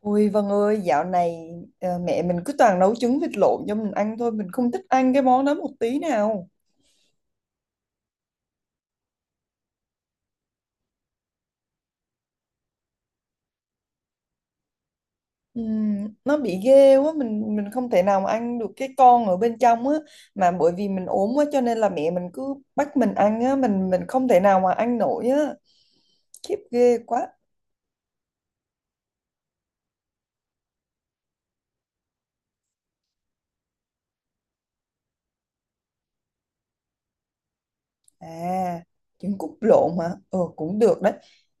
Ôi Vân ơi, dạo này mẹ mình cứ toàn nấu trứng vịt lộn cho mình ăn thôi, mình không thích ăn cái món đó một tí nào. Nó bị ghê quá, mình không thể nào mà ăn được cái con ở bên trong á, mà bởi vì mình ốm quá cho nên là mẹ mình cứ bắt mình ăn á, mình không thể nào mà ăn nổi á, khiếp ghê quá. À, trứng cút lộn hả? Ờ, cũng được đấy,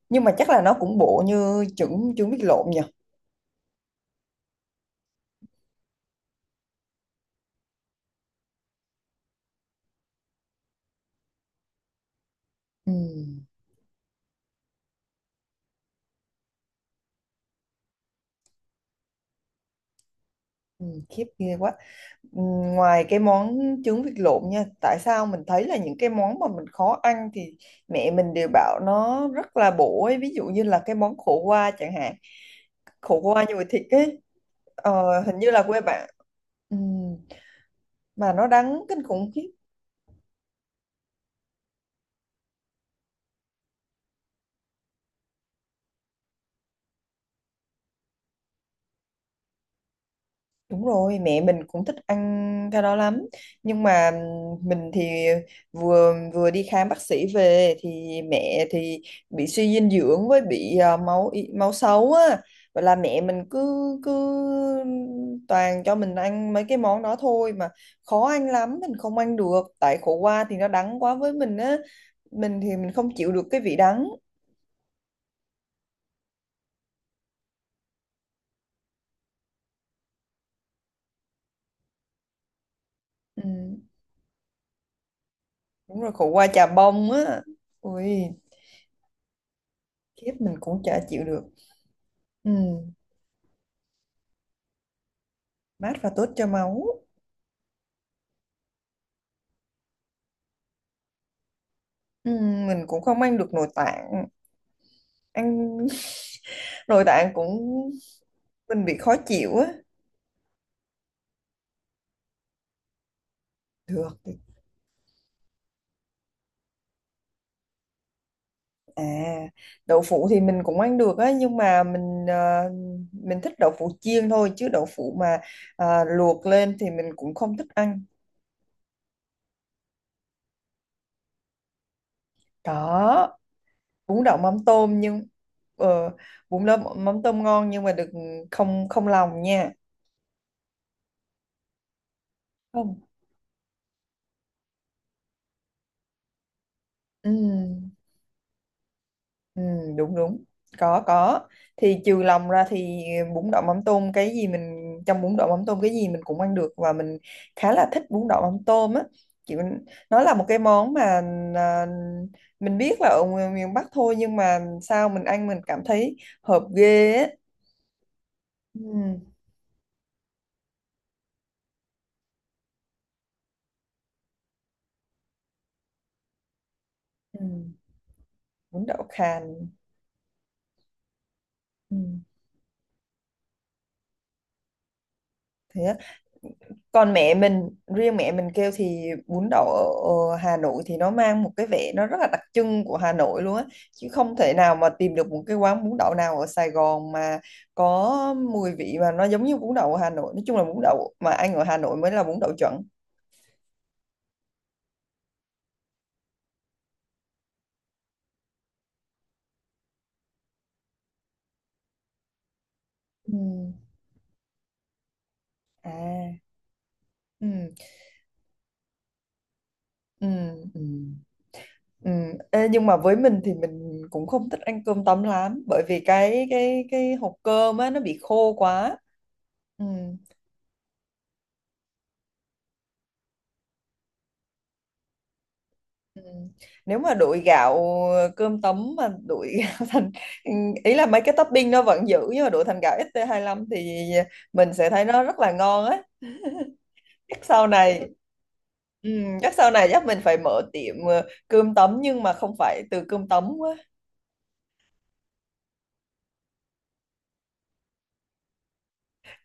nhưng mà chắc là nó cũng bộ như trứng trứng vịt lộn nhỉ? Ừm. Ừ, khiếp ghê quá. Ừ, ngoài cái món trứng vịt lộn nha, tại sao mình thấy là những cái món mà mình khó ăn thì mẹ mình đều bảo nó rất là bổ ấy, ví dụ như là cái món khổ qua chẳng hạn, khổ qua nhồi thịt ấy, hình như là quê bạn, ừ, mà nó đắng kinh khủng khiếp. Đúng rồi, mẹ mình cũng thích ăn cái đó lắm. Nhưng mà mình thì vừa vừa đi khám bác sĩ về thì mẹ thì bị suy dinh dưỡng với bị máu xấu á. Vậy là mẹ mình cứ cứ toàn cho mình ăn mấy cái món đó thôi mà khó ăn lắm, mình không ăn được. Tại khổ qua thì nó đắng quá với mình á. Mình thì mình không chịu được cái vị đắng. Ừ, đúng rồi, khổ qua chà bông á. Ui, khiếp mình cũng chả chịu được. Ừ. Mát và tốt cho máu. Mình cũng không ăn được nội tạng, ăn nội tạng cũng mình bị khó chịu á. được thì- À, đậu phụ thì mình cũng ăn được á, nhưng mà mình thích đậu phụ chiên thôi, chứ đậu phụ mà luộc lên thì mình cũng không thích ăn. Có, bún đậu mắm tôm, nhưng ờ, bún đậu mắm tôm ngon nhưng mà đừng, không không lòng nha. Không. Ừ. Ừ, đúng đúng. Có, thì trừ lòng ra thì bún đậu mắm tôm cái gì mình, trong bún đậu mắm tôm cái gì mình cũng ăn được, và mình khá là thích bún đậu mắm tôm á. Chị mình, nó là một cái món mà à, mình biết là ở miền miền Bắc thôi, nhưng mà sao mình ăn mình cảm thấy hợp ghê á. Ừ, ừ, bún đậu khàn. Ừ. Thế á. Còn mẹ mình Riêng mẹ mình kêu thì bún đậu ở ở Hà Nội thì nó mang một cái vẻ, nó rất là đặc trưng của Hà Nội luôn á, chứ không thể nào mà tìm được một cái quán bún đậu nào ở Sài Gòn mà có mùi vị mà nó giống như bún đậu ở Hà Nội. Nói chung là bún đậu mà ăn ở Hà Nội mới là bún đậu chuẩn. Ừ. À ừ. Ừ. Ừ. Ừ. Ê, nhưng mà với mình thì mình cũng không thích ăn cơm tấm lắm, bởi vì cái hộp cơm á nó bị khô quá. Ừ. Ừ. Nếu mà đổi gạo ờ, Cơm tấm mà đổi gạo thành, ý là mấy cái topping nó vẫn giữ nhưng mà đổi thành gạo ST lăm thì mình sẽ thấy nó rất là ngon á. Chắc sau này, ừ, chắc sau này chắc mình phải mở tiệm cơm tấm nhưng mà không phải từ cơm tấm quá.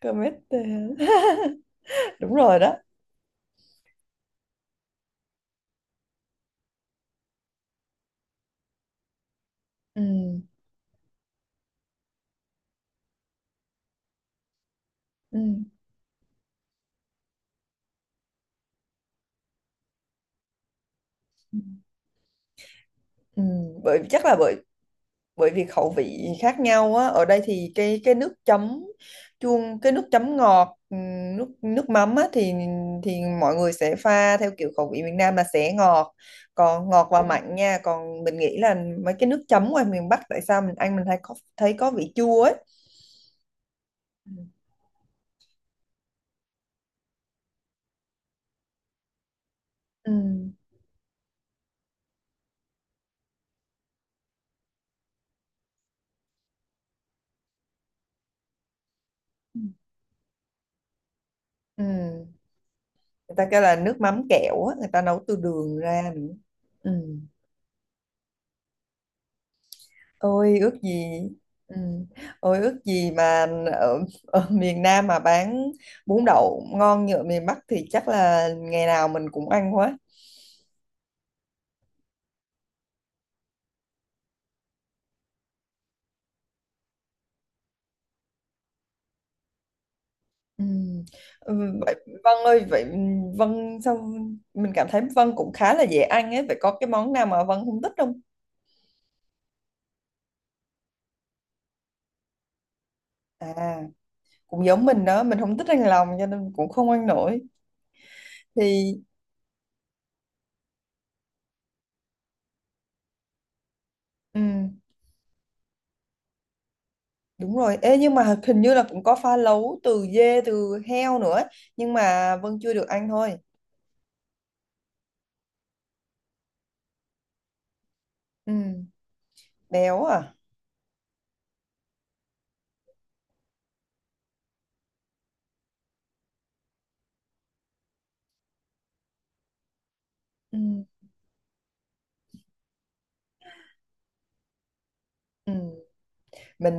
Cơm ST đúng rồi đó. Ừ. Ừ. Ừ. bởi chắc là bởi Bởi vì khẩu vị khác nhau á. Ở đây thì cái nước chấm, chuông, cái nước chấm ngọt, nước nước mắm á thì mọi người sẽ pha theo kiểu khẩu vị miền Nam là sẽ ngọt, còn ngọt và Ừ. Mặn nha, còn mình nghĩ là mấy cái nước chấm ngoài miền Bắc tại sao mình ăn mình thấy có, thấy có vị chua ấy. Ừ. Ừ. Ừ. Ừ. Người ta kêu là nước mắm kẹo á, người ta nấu từ đường ra nữa. Ừ. Ôi ước gì. Ừ. Ôi ước gì mà ở, ở miền Nam mà bán bún đậu ngon như ở miền Bắc thì chắc là ngày nào mình cũng ăn quá. Ừ. Ừ, vậy, Vân ơi, vậy Vân sao mình cảm thấy Vân cũng khá là dễ ăn ấy, vậy có cái món nào mà Vân không thích không? À, cũng giống mình đó, mình không thích ăn lòng cho nên cũng không ăn nổi. Thì ừ, đúng rồi. Ê, nhưng mà hình như là cũng có pha lấu từ dê từ heo nữa, nhưng mà Vân chưa được ăn thôi. Ừ. Béo à. Ừ. Ừ. Mình,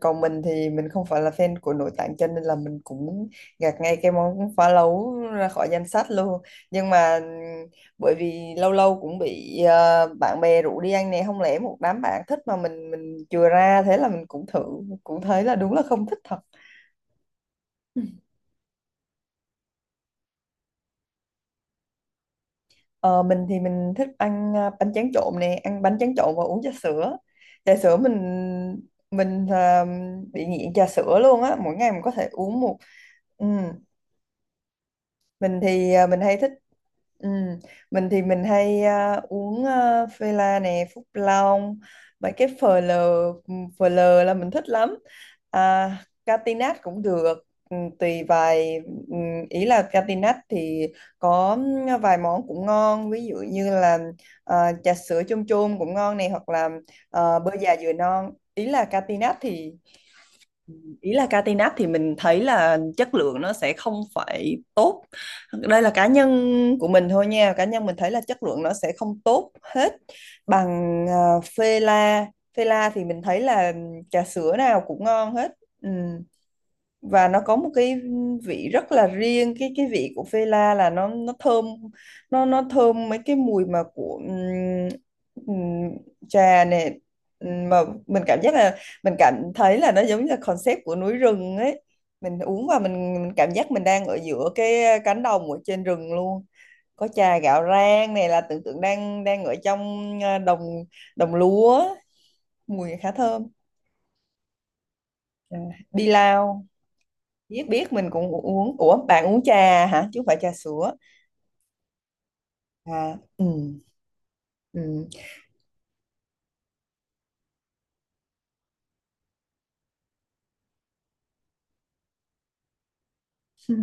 còn mình thì mình không phải là fan của nội tạng cho nên là mình cũng gạt ngay cái món phá lấu ra khỏi danh sách luôn. Nhưng mà ừ, bởi vì lâu lâu cũng bị bạn bè rủ đi ăn nè, không lẽ một đám bạn thích mà mình chừa ra, thế là mình cũng thử, cũng thấy là đúng là không thích thật. Ờ, mình thì mình thích ăn bánh tráng trộn nè, ăn bánh tráng trộn và uống trà sữa. Trà sữa mình bị nghiện trà sữa luôn á, mỗi ngày mình có thể uống một, ừ mình thì mình hay thích, ừ, mình thì mình hay uống phê la nè, Phúc Long, mấy cái phờ lờ, phờ lờ là mình thích lắm. à, Catinat cũng được, ừ, tùy vài, ừ, ý là Catinat thì có vài món cũng ngon, ví dụ như là trà sữa chôm chôm cũng ngon này, hoặc là bơ già dừa non. Ý là Catinat thì mình thấy là chất lượng nó sẽ không phải tốt, đây là cá nhân của mình thôi nha, cá nhân mình thấy là chất lượng nó sẽ không tốt hết bằng uh, phê la phê la thì mình thấy là trà sữa nào cũng ngon hết. Ừ. Và nó có một cái vị rất là riêng, cái vị của phê la là nó thơm, nó thơm mấy cái mùi mà của ừm, trà này. Mà mình cảm giác là mình cảm thấy là nó giống như là concept của núi rừng ấy, mình uống và mình cảm giác mình đang ở giữa cái cánh đồng ở trên rừng luôn, có trà gạo rang này, là tưởng tượng đang đang ở trong đồng đồng lúa, mùi khá thơm. À, đi lao, biết biết mình cũng uống, ủa bạn uống trà hả chứ không phải trà sữa? À ừ. Ừ. Ừ.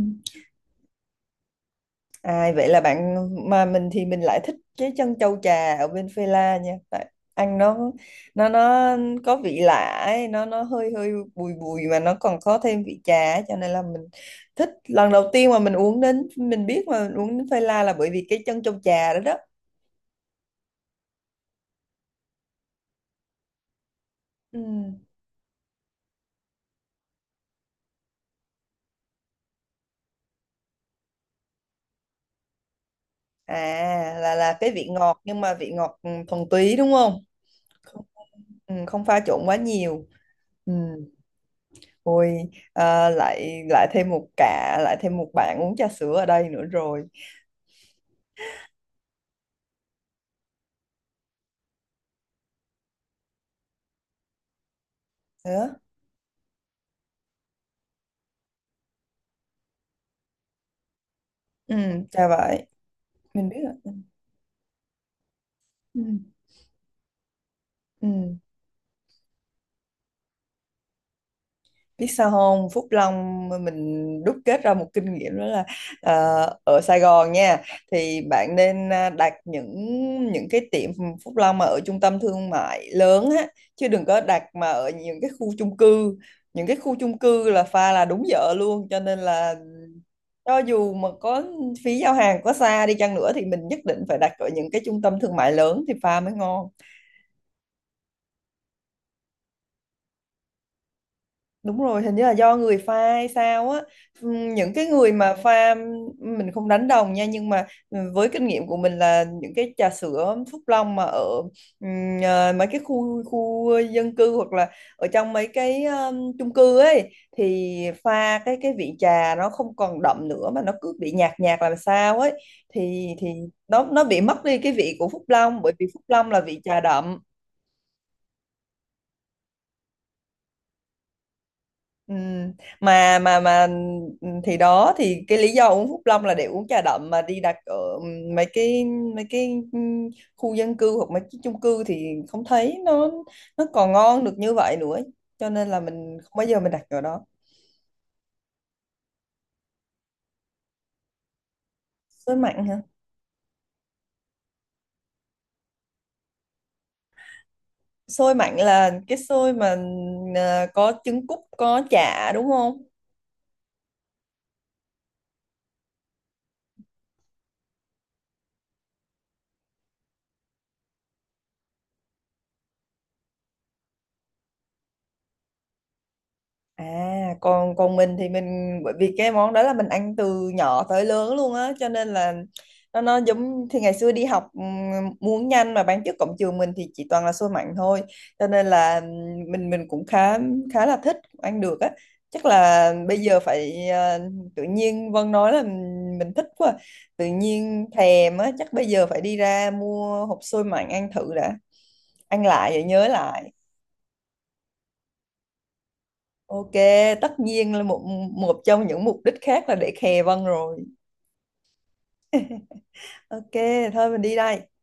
Ai vậy là bạn, mà mình thì mình lại thích cái chân châu trà ở bên Phê La nha, tại ăn nó nó có vị lạ ấy, nó hơi hơi bùi bùi mà nó còn có thêm vị trà ấy, cho nên là mình thích. Lần đầu tiên mà mình uống, đến mình biết mà mình uống đến Phê La là bởi vì cái chân châu trà đó đó. Ừ. À, là cái vị ngọt nhưng mà vị ngọt thuần túy đúng không? Ừ, không pha trộn quá nhiều. Ừ. Ôi, lại lại thêm một cả lại thêm một bạn uống trà sữa ở đây nữa rồi. Thế á? Ừ, chà vậy mình biết rồi. Ừ. Ừ. Biết sao không, Phúc Long, mình đúc kết ra một kinh nghiệm đó là à, ở Sài Gòn nha, thì bạn nên đặt những cái tiệm Phúc Long mà ở trung tâm thương mại lớn á, chứ đừng có đặt mà ở những cái khu chung cư. Những cái khu chung cư là pha là đúng dở luôn, cho nên là cho dù mà có phí giao hàng có xa đi chăng nữa thì mình nhất định phải đặt ở những cái trung tâm thương mại lớn thì pha mới ngon. Đúng rồi, hình như là do người pha hay sao á. Những cái người mà pha, mình không đánh đồng nha nhưng mà với kinh nghiệm của mình là những cái trà sữa Phúc Long mà ở mấy cái khu khu dân cư, hoặc là ở trong mấy cái chung cư ấy thì pha cái vị trà nó không còn đậm nữa mà nó cứ bị nhạt nhạt làm sao ấy, thì nó bị mất đi cái vị của Phúc Long, bởi vì Phúc Long là vị trà đậm. Ừ. Mà thì đó thì cái lý do uống Phúc Long là để uống trà đậm mà đi đặt ở ừ, mấy cái mấy cái khu dân cư hoặc mấy cái chung cư thì không thấy nó còn ngon được như vậy nữa, cho nên là mình không bao giờ mình đặt ở đó. Xôi mặn hả? Xôi mặn là cái xôi mà có trứng cút, có chả đúng không? À, còn còn mình thì mình bởi vì cái món đó là mình ăn từ nhỏ tới lớn luôn á, cho nên là nó giống. Thì ngày xưa đi học muốn nhanh mà bán trước cổng trường mình thì chỉ toàn là xôi mặn thôi, cho nên là mình cũng khá, khá là thích ăn được á. Chắc là bây giờ phải tự nhiên Vân nói là mình thích quá, tự nhiên thèm á, chắc bây giờ phải đi ra mua hộp xôi mặn ăn thử đã, ăn lại rồi nhớ lại. Ok, tất nhiên là một một trong những mục đích khác là để khè Vân rồi. Ok, thôi mình đi đây.